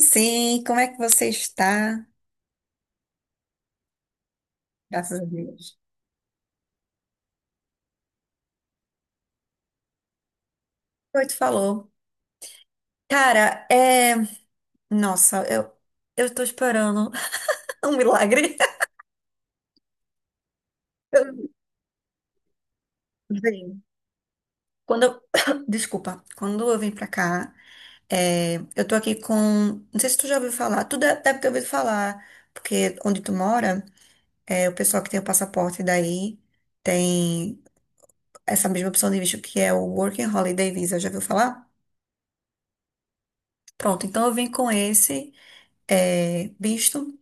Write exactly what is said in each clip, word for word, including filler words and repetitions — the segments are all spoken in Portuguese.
Sim, como é que você está? Graças a Deus. Oi, tu falou. Cara, é. Nossa, eu, eu tô esperando um milagre. Eu- Vem. Quando eu... Desculpa, quando eu vim pra cá, é, eu tô aqui com. Não sei se tu já ouviu falar, tu deve deve ter ouvido falar, porque onde tu mora, é, o pessoal que tem o passaporte daí tem essa mesma opção de visto que é o Working Holiday Visa, já ouviu falar? Pronto, então eu vim com esse. é, visto.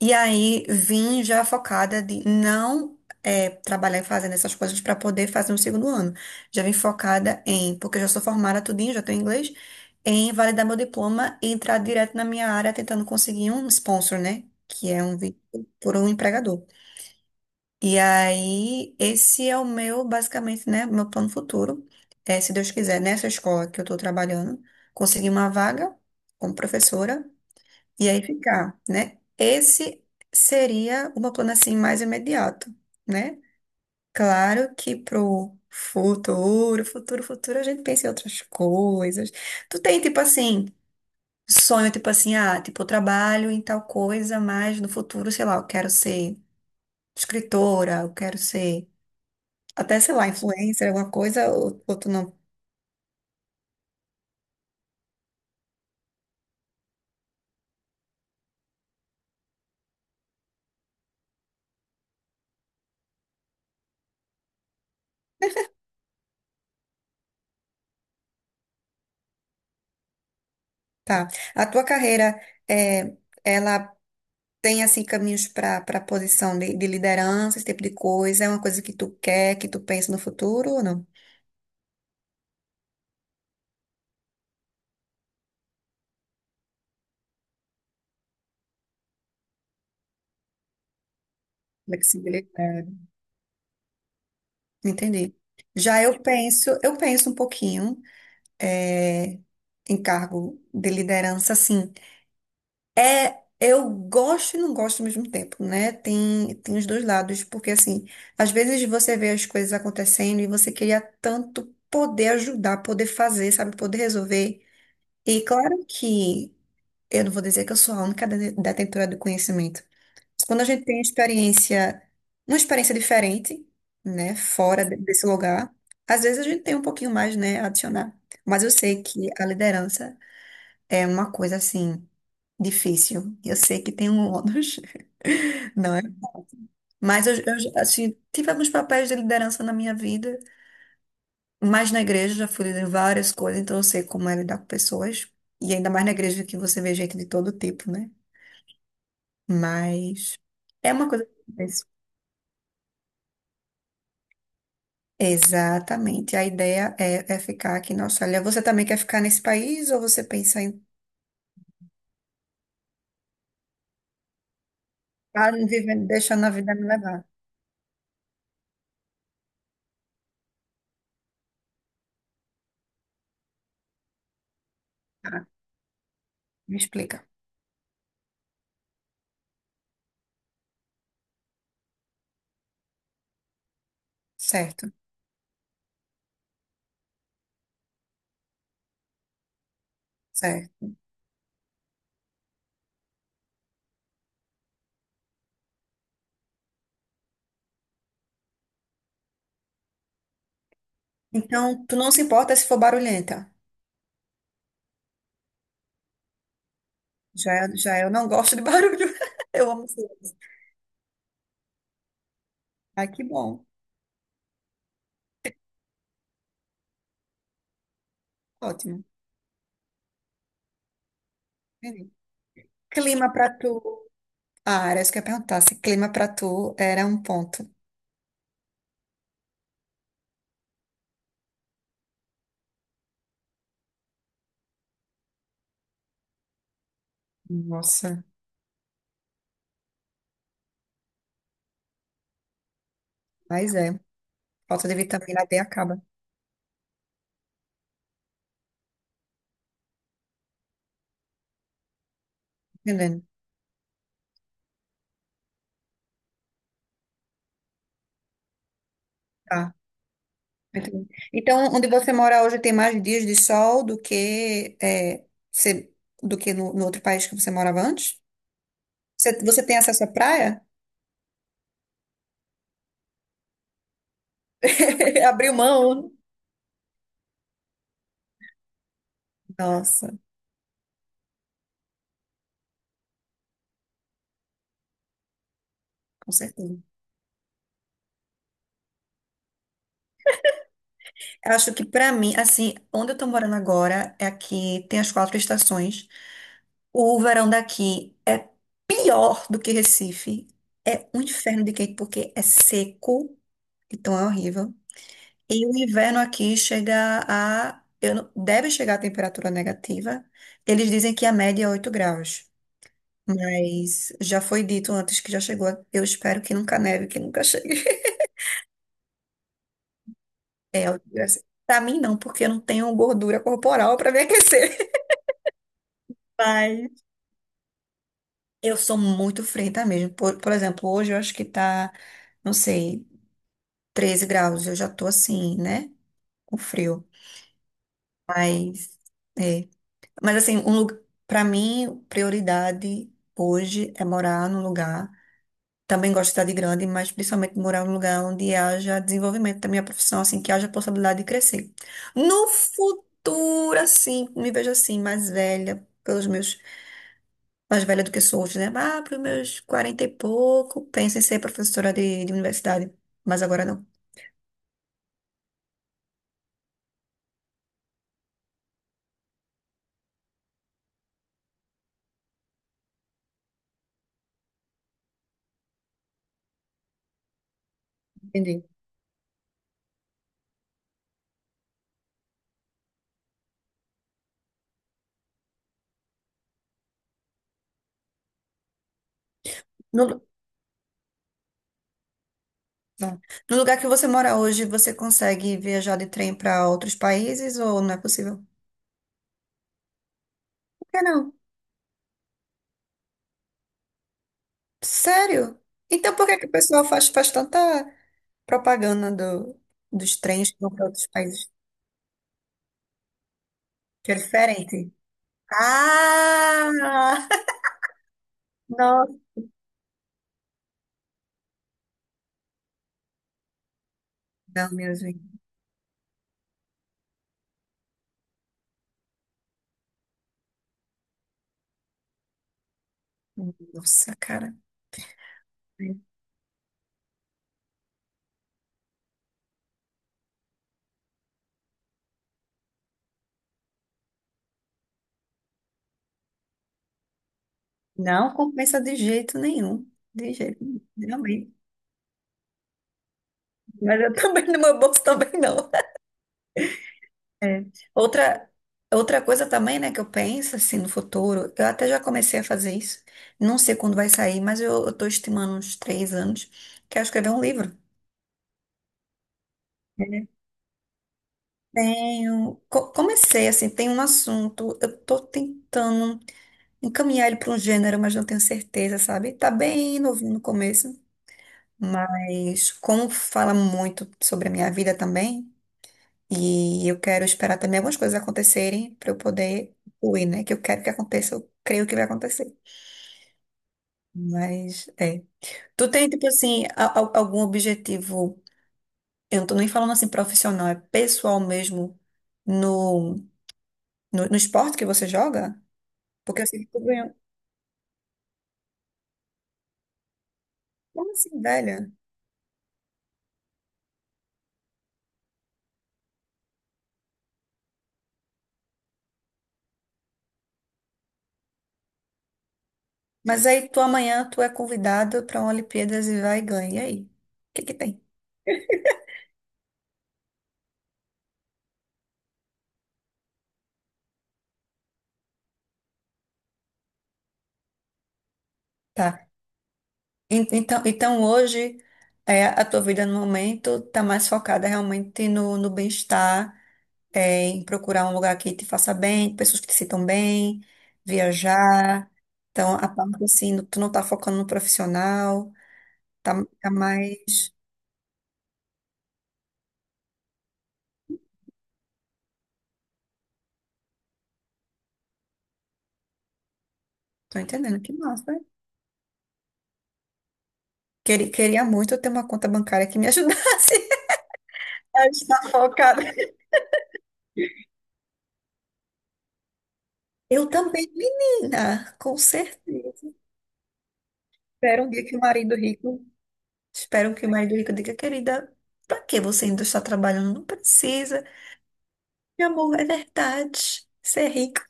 E aí vim já focada de não é, trabalhar fazendo essas coisas para poder fazer um segundo ano. Já vim focada em, porque eu já sou formada tudinho, já tenho inglês, em validar meu diploma e entrar direto na minha área tentando conseguir um sponsor, né? Que é um vínculo por um empregador. E aí, esse é o meu, basicamente, né? Meu plano futuro. É, se Deus quiser, nessa escola que eu estou trabalhando, conseguir uma vaga como professora e aí ficar, né? Esse seria o meu plano assim mais imediato, né? Claro que pro futuro, futuro, futuro, a gente pensa em outras coisas. Tu tem, tipo assim, sonho, tipo assim, ah, tipo, eu trabalho em tal coisa, mas no futuro, sei lá, eu quero ser escritora, eu quero ser, até, sei lá, influencer, alguma coisa, ou, ou tu não. Tá. A tua carreira é. Ela tem assim caminhos para para posição de, de liderança, esse tipo de coisa? É uma coisa que tu quer, que tu pensa no futuro ou não? Flexibilidade. Entendi. Já eu penso, eu penso um pouquinho eh, em cargo de liderança, assim. É, eu gosto e não gosto ao mesmo tempo, né? Tem, tem os dois lados, porque assim, às vezes você vê as coisas acontecendo e você queria tanto poder ajudar, poder fazer, sabe, poder resolver. E claro que eu não vou dizer que eu sou a única dene- detentora do conhecimento. Mas quando a gente tem experiência, uma experiência diferente, né, fora de- desse lugar, às vezes a gente tem um pouquinho mais, né, a adicionar. Mas eu sei que a liderança é uma coisa assim difícil. Eu sei que tem um ônus, não é? Mas eu, eu, assim, tive alguns papéis de liderança na minha vida, mas na igreja já fui líder em várias coisas, então eu sei como é lidar com pessoas. E ainda mais na igreja que você vê gente de todo tipo, né? Mas é uma coisa que eu Exatamente. A ideia é, é ficar aqui na Austrália. Você também quer ficar nesse país ou você pensa em ah, vivendo, deixando a vida me levar? Tá, me explica. Certo, certo. Então, tu não se importa se for barulhenta. Já, já eu não gosto de barulho. Eu amo silêncio. Ah, que bom. Ótimo. Entendi. Clima pra tu. Ah, era isso que eu ia perguntar. Se clima pra tu era um ponto. Nossa, mas é. Falta de vitamina D acaba. Tá. Entendendo? Tá. Entendi. Então, onde você mora hoje tem mais dias de sol do que é, você- do que no, no outro país que você morava antes? Você, você tem acesso à praia? Abriu mão? Nossa, com certeza. Eu acho que pra mim, assim, onde eu tô morando agora é aqui, tem as quatro estações. O verão daqui é pior do que Recife. É um inferno de quente porque é seco, então é horrível. E o inverno aqui chega a. Eu, não- Deve chegar a temperatura negativa. Eles dizem que a média é oito graus. Mas já foi dito antes que já chegou. Eu espero que nunca neve, que nunca chegue. É, oito graus. Pra mim, não, porque eu não tenho gordura corporal pra me aquecer. Mas eu sou muito frenta mesmo. Por, por exemplo, hoje eu acho que tá, não sei, treze graus. Eu já tô assim, né? Com frio. Mas. É. Mas assim, um lugar, para mim, prioridade hoje é morar num lugar. Também gosto de cidade grande, mas principalmente morar num lugar onde haja desenvolvimento da minha profissão, assim, que haja possibilidade de crescer. No futuro, assim, me vejo assim, mais velha, pelos meus, mais velha do que sou hoje, né? Ah, para os meus quarenta e pouco, penso em ser professora de, de universidade, mas agora não. Entendi. No, lu- não. No lugar que você mora hoje, você consegue viajar de trem para outros países ou não é possível? Por que não? Sério? Então por que que o pessoal faz, faz tanta propaganda do, dos trens que vão para outros países? Que é diferente. Ah! Nossa! Não, meu gente. Nossa, cara. Não compensa de jeito nenhum. De jeito nenhum. Realmente. Mas eu também, no meu bolso também não. É. Outra, outra coisa também, né, que eu penso, assim, no futuro, eu até já comecei a fazer isso. Não sei quando vai sair, mas eu, eu tô estimando uns três anos, que é escrever um livro. Tenho, co- comecei assim, tem um assunto, eu tô tentando encaminhar ele para um gênero, mas não tenho certeza, sabe? Tá bem novinho no começo, mas como fala muito sobre a minha vida também, e eu quero esperar também algumas coisas acontecerem para eu poder fluir, né? Que eu quero que aconteça, eu creio que vai acontecer. Mas é. Tu tem, tipo assim, a- a- algum objetivo, eu não tô nem falando assim profissional, é pessoal mesmo no, no no esporte que você joga? Porque eu sempre tô ganhando. Como assim, velha? Mas aí tu amanhã tu é convidado para uma Olimpíadas e vai e ganha. E aí? O que que tem? Tá. En- Então, então hoje é, a tua vida no momento tá mais focada realmente no, no bem-estar, é, em procurar um lugar que te faça bem, pessoas que te sintam bem, viajar. Então, a parte assim, tu não tá focando no profissional, tá, tá mais. Tô entendendo, que massa. Né? Queria, queria muito eu ter uma conta bancária que me ajudasse. Está focada Eu também, menina, com certeza. Espero um dia que o marido rico, espero que o marido rico diga, querida, pra que você ainda está trabalhando? Não precisa. Meu amor, é verdade. Ser rico.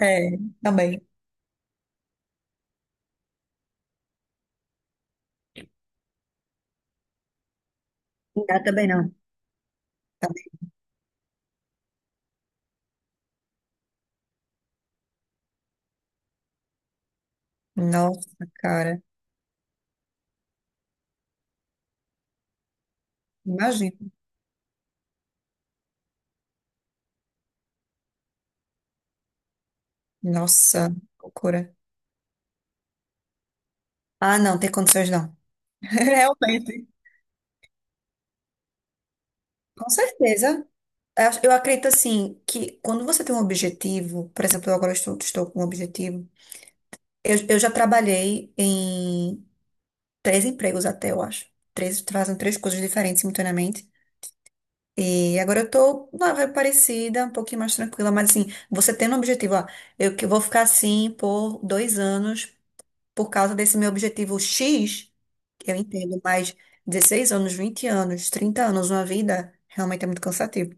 É, também. Não, também não. Também. Nossa, cara. Imagina. Nossa, loucura. Ah, não, tem condições não. Realmente. Com certeza. Eu acho- eu acredito assim que quando você tem um objetivo, por exemplo, eu agora estou, estou com um objetivo. Eu, eu já trabalhei em três empregos até, eu acho. Três, fazem três coisas diferentes simultaneamente. E agora eu tô uma vibe parecida, um pouquinho mais tranquila, mas assim, você tendo um objetivo, ó, eu que vou ficar assim por dois anos por causa desse meu objetivo X, eu entendo, mas dezesseis anos, vinte anos, trinta anos, uma vida, realmente é muito cansativo.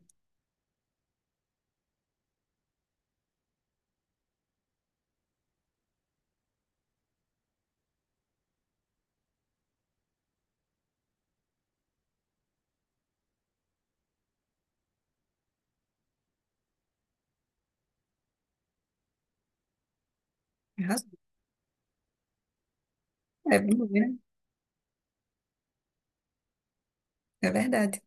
Tem razão. É, vamos ver, né? É verdade.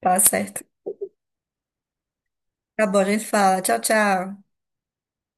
Tá certo. Tá bom, a gente fala. Tchau, tchau.